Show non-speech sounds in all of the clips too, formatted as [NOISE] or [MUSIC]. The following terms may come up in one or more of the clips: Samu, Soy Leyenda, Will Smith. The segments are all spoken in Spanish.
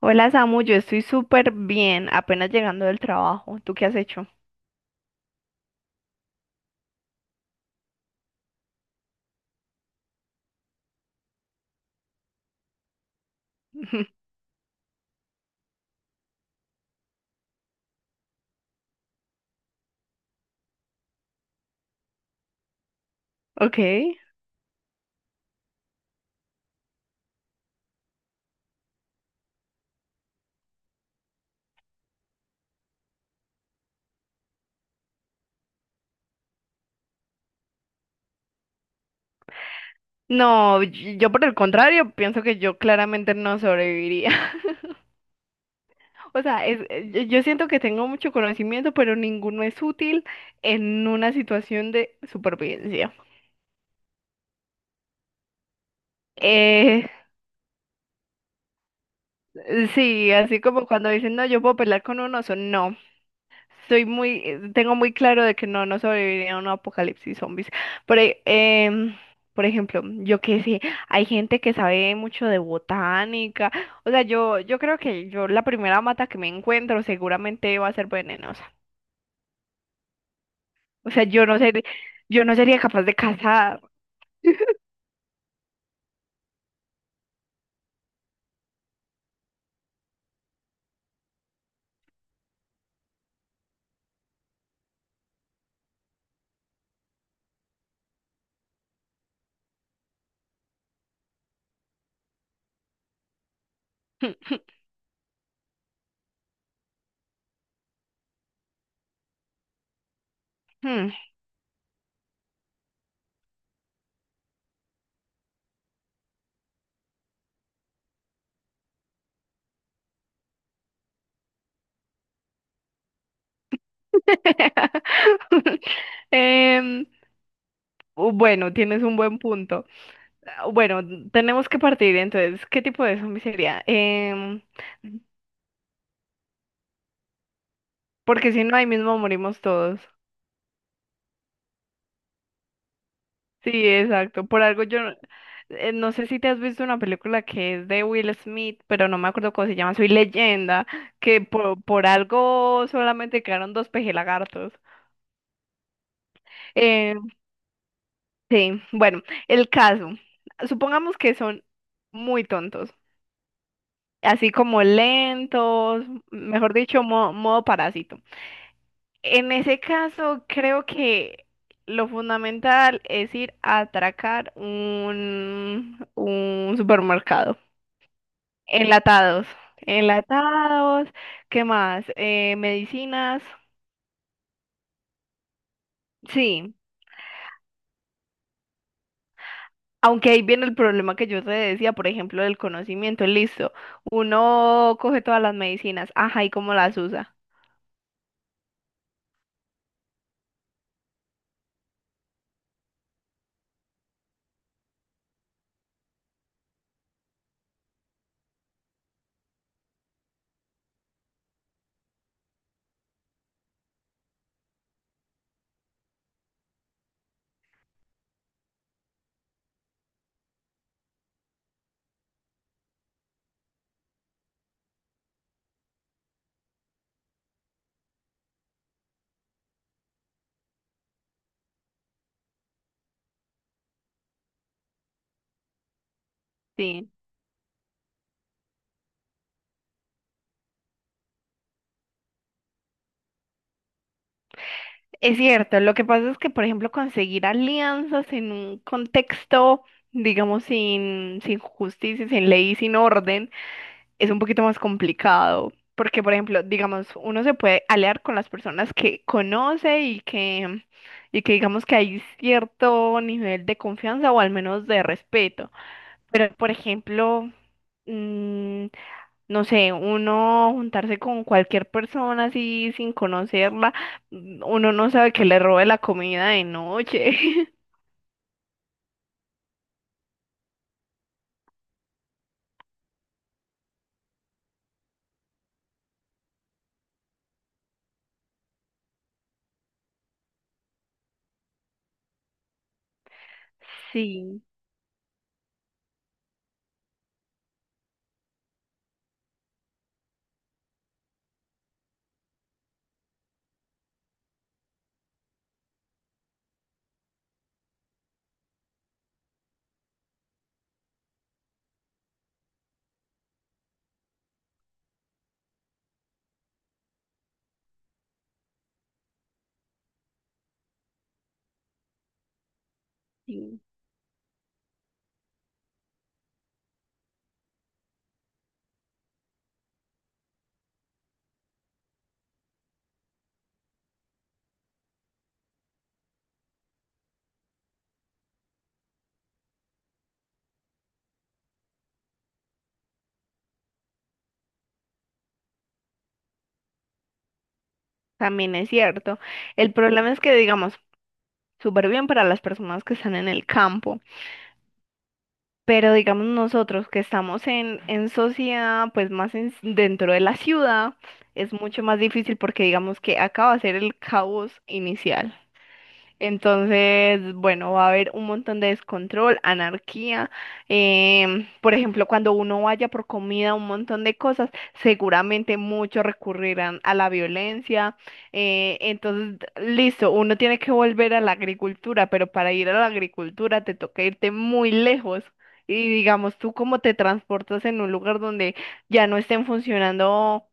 Hola Samu, yo estoy súper bien, apenas llegando del trabajo. ¿Tú qué has hecho? [LAUGHS] Ok. No, yo por el contrario, pienso que yo claramente no sobreviviría. [LAUGHS] O sea, yo siento que tengo mucho conocimiento, pero ninguno es útil en una situación de supervivencia. Eh, sí, así como cuando dicen, no, yo puedo pelear con un oso. No, soy muy, tengo muy claro de que no, no sobreviviría a un apocalipsis zombies. Por, e- em, por ejemplo, yo que sé, hay gente que sabe mucho de botánica. O sea, yo creo que yo la primera mata que me encuentro seguramente va a ser venenosa. O sea, yo no sería capaz de cazar. [LAUGHS] Hmm. [LAUGHS] Em, bueno, tienes un buen punto. Bueno, tenemos que partir entonces. ¿Qué tipo de zombie sería? Em, porque si no, ahí mismo morimos todos. Sí, exacto. Por algo yo no No sé si te has visto una película que es de Will Smith, pero no me acuerdo cómo se llama, Soy Leyenda, que por algo solamente quedaron dos pejelagartos. Eh, sí, bueno, el caso. Supongamos que son muy tontos, así como lentos, mejor dicho, modo parásito. En ese caso, creo que lo fundamental es ir a atracar un supermercado. Enlatados, enlatados, ¿qué más? Medicinas, sí. Aunque ahí viene el problema que yo te decía, por ejemplo, del conocimiento. Listo, uno coge todas las medicinas, ajá, ¿y cómo las usa? Sí. Es cierto, lo que pasa es que, por ejemplo, conseguir alianzas en un contexto, digamos, sin justicia, sin ley, sin orden, es un poquito más complicado. Porque, por ejemplo, digamos, uno se puede aliar con las personas que conoce y que digamos que hay cierto nivel de confianza o al menos de respeto. Pero, por ejemplo, mm, no sé, uno juntarse con cualquier persona así sin conocerla, uno no sabe que le robe la comida de noche. [LAUGHS] Sí, sí, también es cierto. El problema es que, digamos, súper bien para las personas que están en el campo, pero digamos nosotros que estamos en sociedad, pues más dentro de la ciudad, es mucho más difícil porque digamos que acaba de ser el caos inicial. Entonces, bueno, va a haber un montón de descontrol, anarquía. Por ejemplo, cuando uno vaya por comida, un montón de cosas, seguramente muchos recurrirán a la violencia. Entonces, listo, uno tiene que volver a la agricultura, pero para ir a la agricultura te toca irte muy lejos. Y digamos, tú cómo te transportas en un lugar donde ya no estén funcionando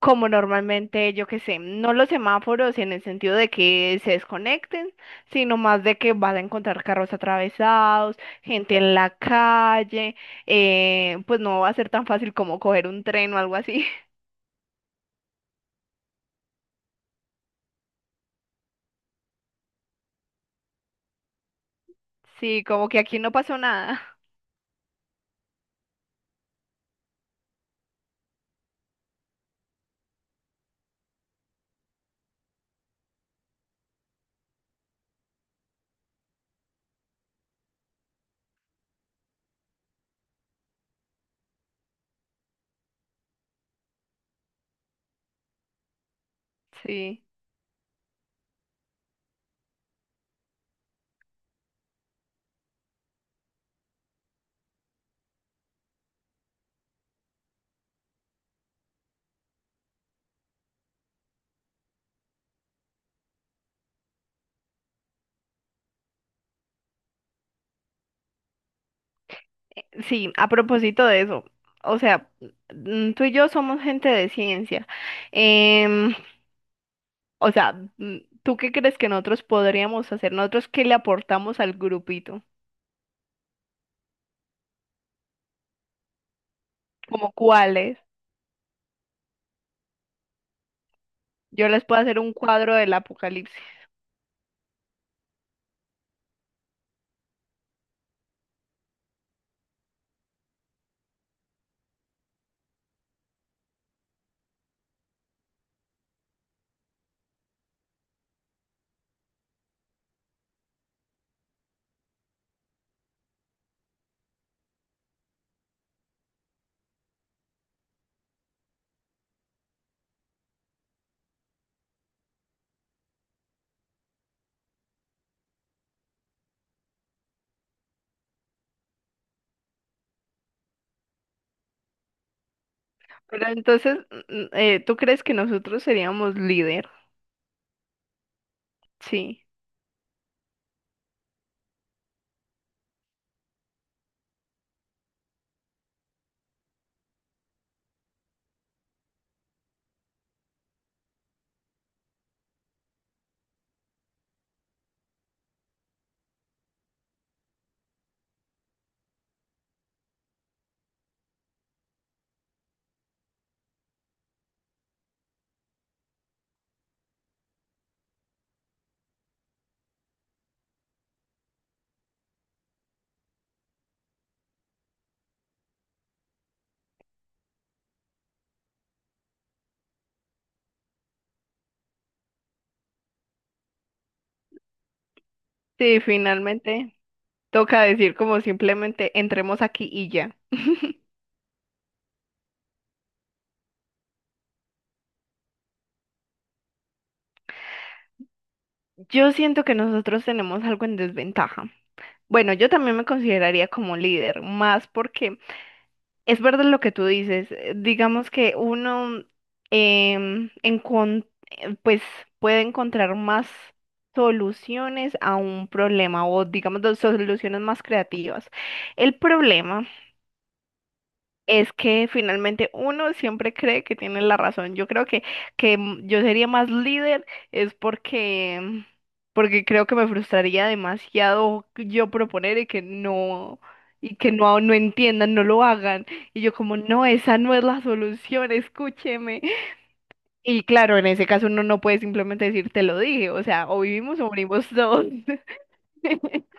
como normalmente, yo qué sé, no los semáforos en el sentido de que se desconecten sino más de que vas a encontrar carros atravesados, gente en la calle, pues no va a ser tan fácil como coger un tren o algo así. [LAUGHS] Sí, como que aquí no pasó nada. [LAUGHS] Sí. Sí, a propósito de eso, o sea, tú y yo somos gente de ciencia. Em, o sea, mm, ¿tú qué crees que nosotros podríamos hacer? ¿Nosotros qué le aportamos al grupito? ¿Como cuáles? Yo les puedo hacer un cuadro del apocalipsis. Pero entonces, ¿tú crees que nosotros seríamos líder? Sí. Sí, finalmente toca decir como simplemente entremos aquí y ya. Yo siento que nosotros tenemos algo en desventaja. Bueno, yo también me consideraría como líder, más porque es verdad lo que tú dices. Digamos que uno pues puede encontrar más soluciones a un problema o digamos dos soluciones más creativas. El problema es que finalmente uno siempre cree que tiene la razón. Yo creo que yo sería más líder es porque, porque creo que me frustraría demasiado yo proponer y que no, no entiendan, no lo hagan. Y yo como, no, esa no es la solución, escúcheme. Y claro, en ese caso uno no puede simplemente decir, te lo dije, o sea, o vivimos o morimos todos. [LAUGHS]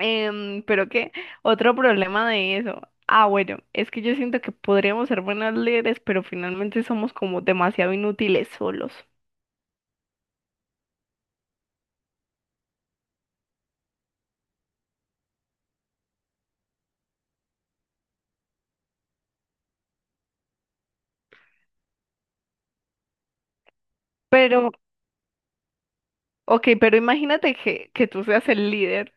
Pero qué, otro problema de eso. Ah, bueno, es que yo siento que podríamos ser buenos líderes, pero finalmente somos como demasiado inútiles solos. Pero, ok, pero imagínate que tú seas el líder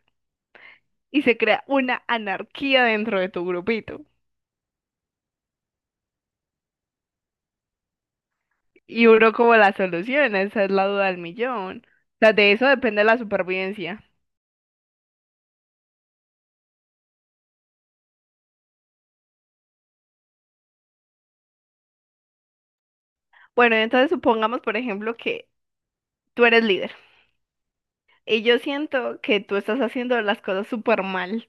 y se crea una anarquía dentro de tu grupito. Y uno como la solución, esa es la duda del millón. O sea, de eso depende la supervivencia. Bueno, entonces supongamos, por ejemplo, que tú eres líder y yo siento que tú estás haciendo las cosas súper mal.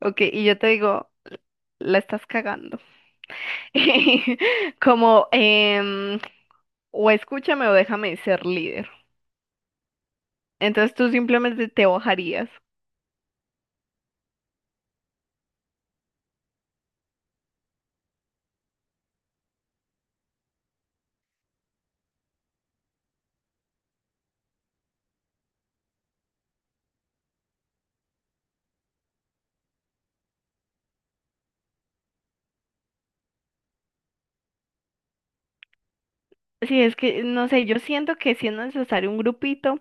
Ok, y yo te digo... la estás cagando. [LAUGHS] Como, o escúchame o déjame ser líder. Entonces tú simplemente te bajarías. Sí, es que, no sé, yo siento que si es necesario un grupito,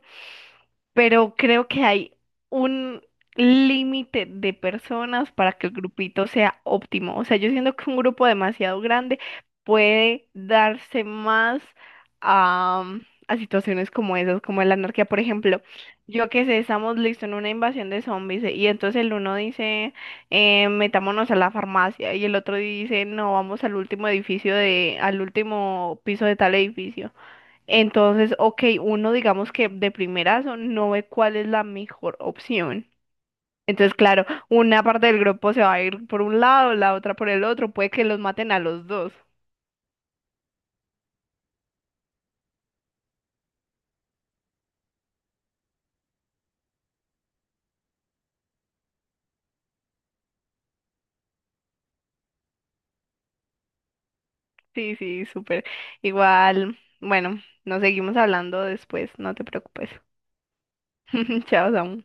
pero creo que hay un límite de personas para que el grupito sea óptimo. O sea, yo siento que un grupo demasiado grande puede darse más a, a situaciones como esas, como la anarquía, por ejemplo. Yo que sé, estamos listos en una invasión de zombies y entonces el uno dice, metámonos a la farmacia y el otro dice, no, vamos al último edificio de, al último piso de tal edificio. Entonces, ok, uno digamos que de primerazo no ve cuál es la mejor opción. Entonces, claro, una parte del grupo se va a ir por un lado, la otra por el otro, puede que los maten a los dos. Sí, sí, súper. Igual, bueno, nos seguimos hablando después, no te preocupes. [LAUGHS] Chao, Samu.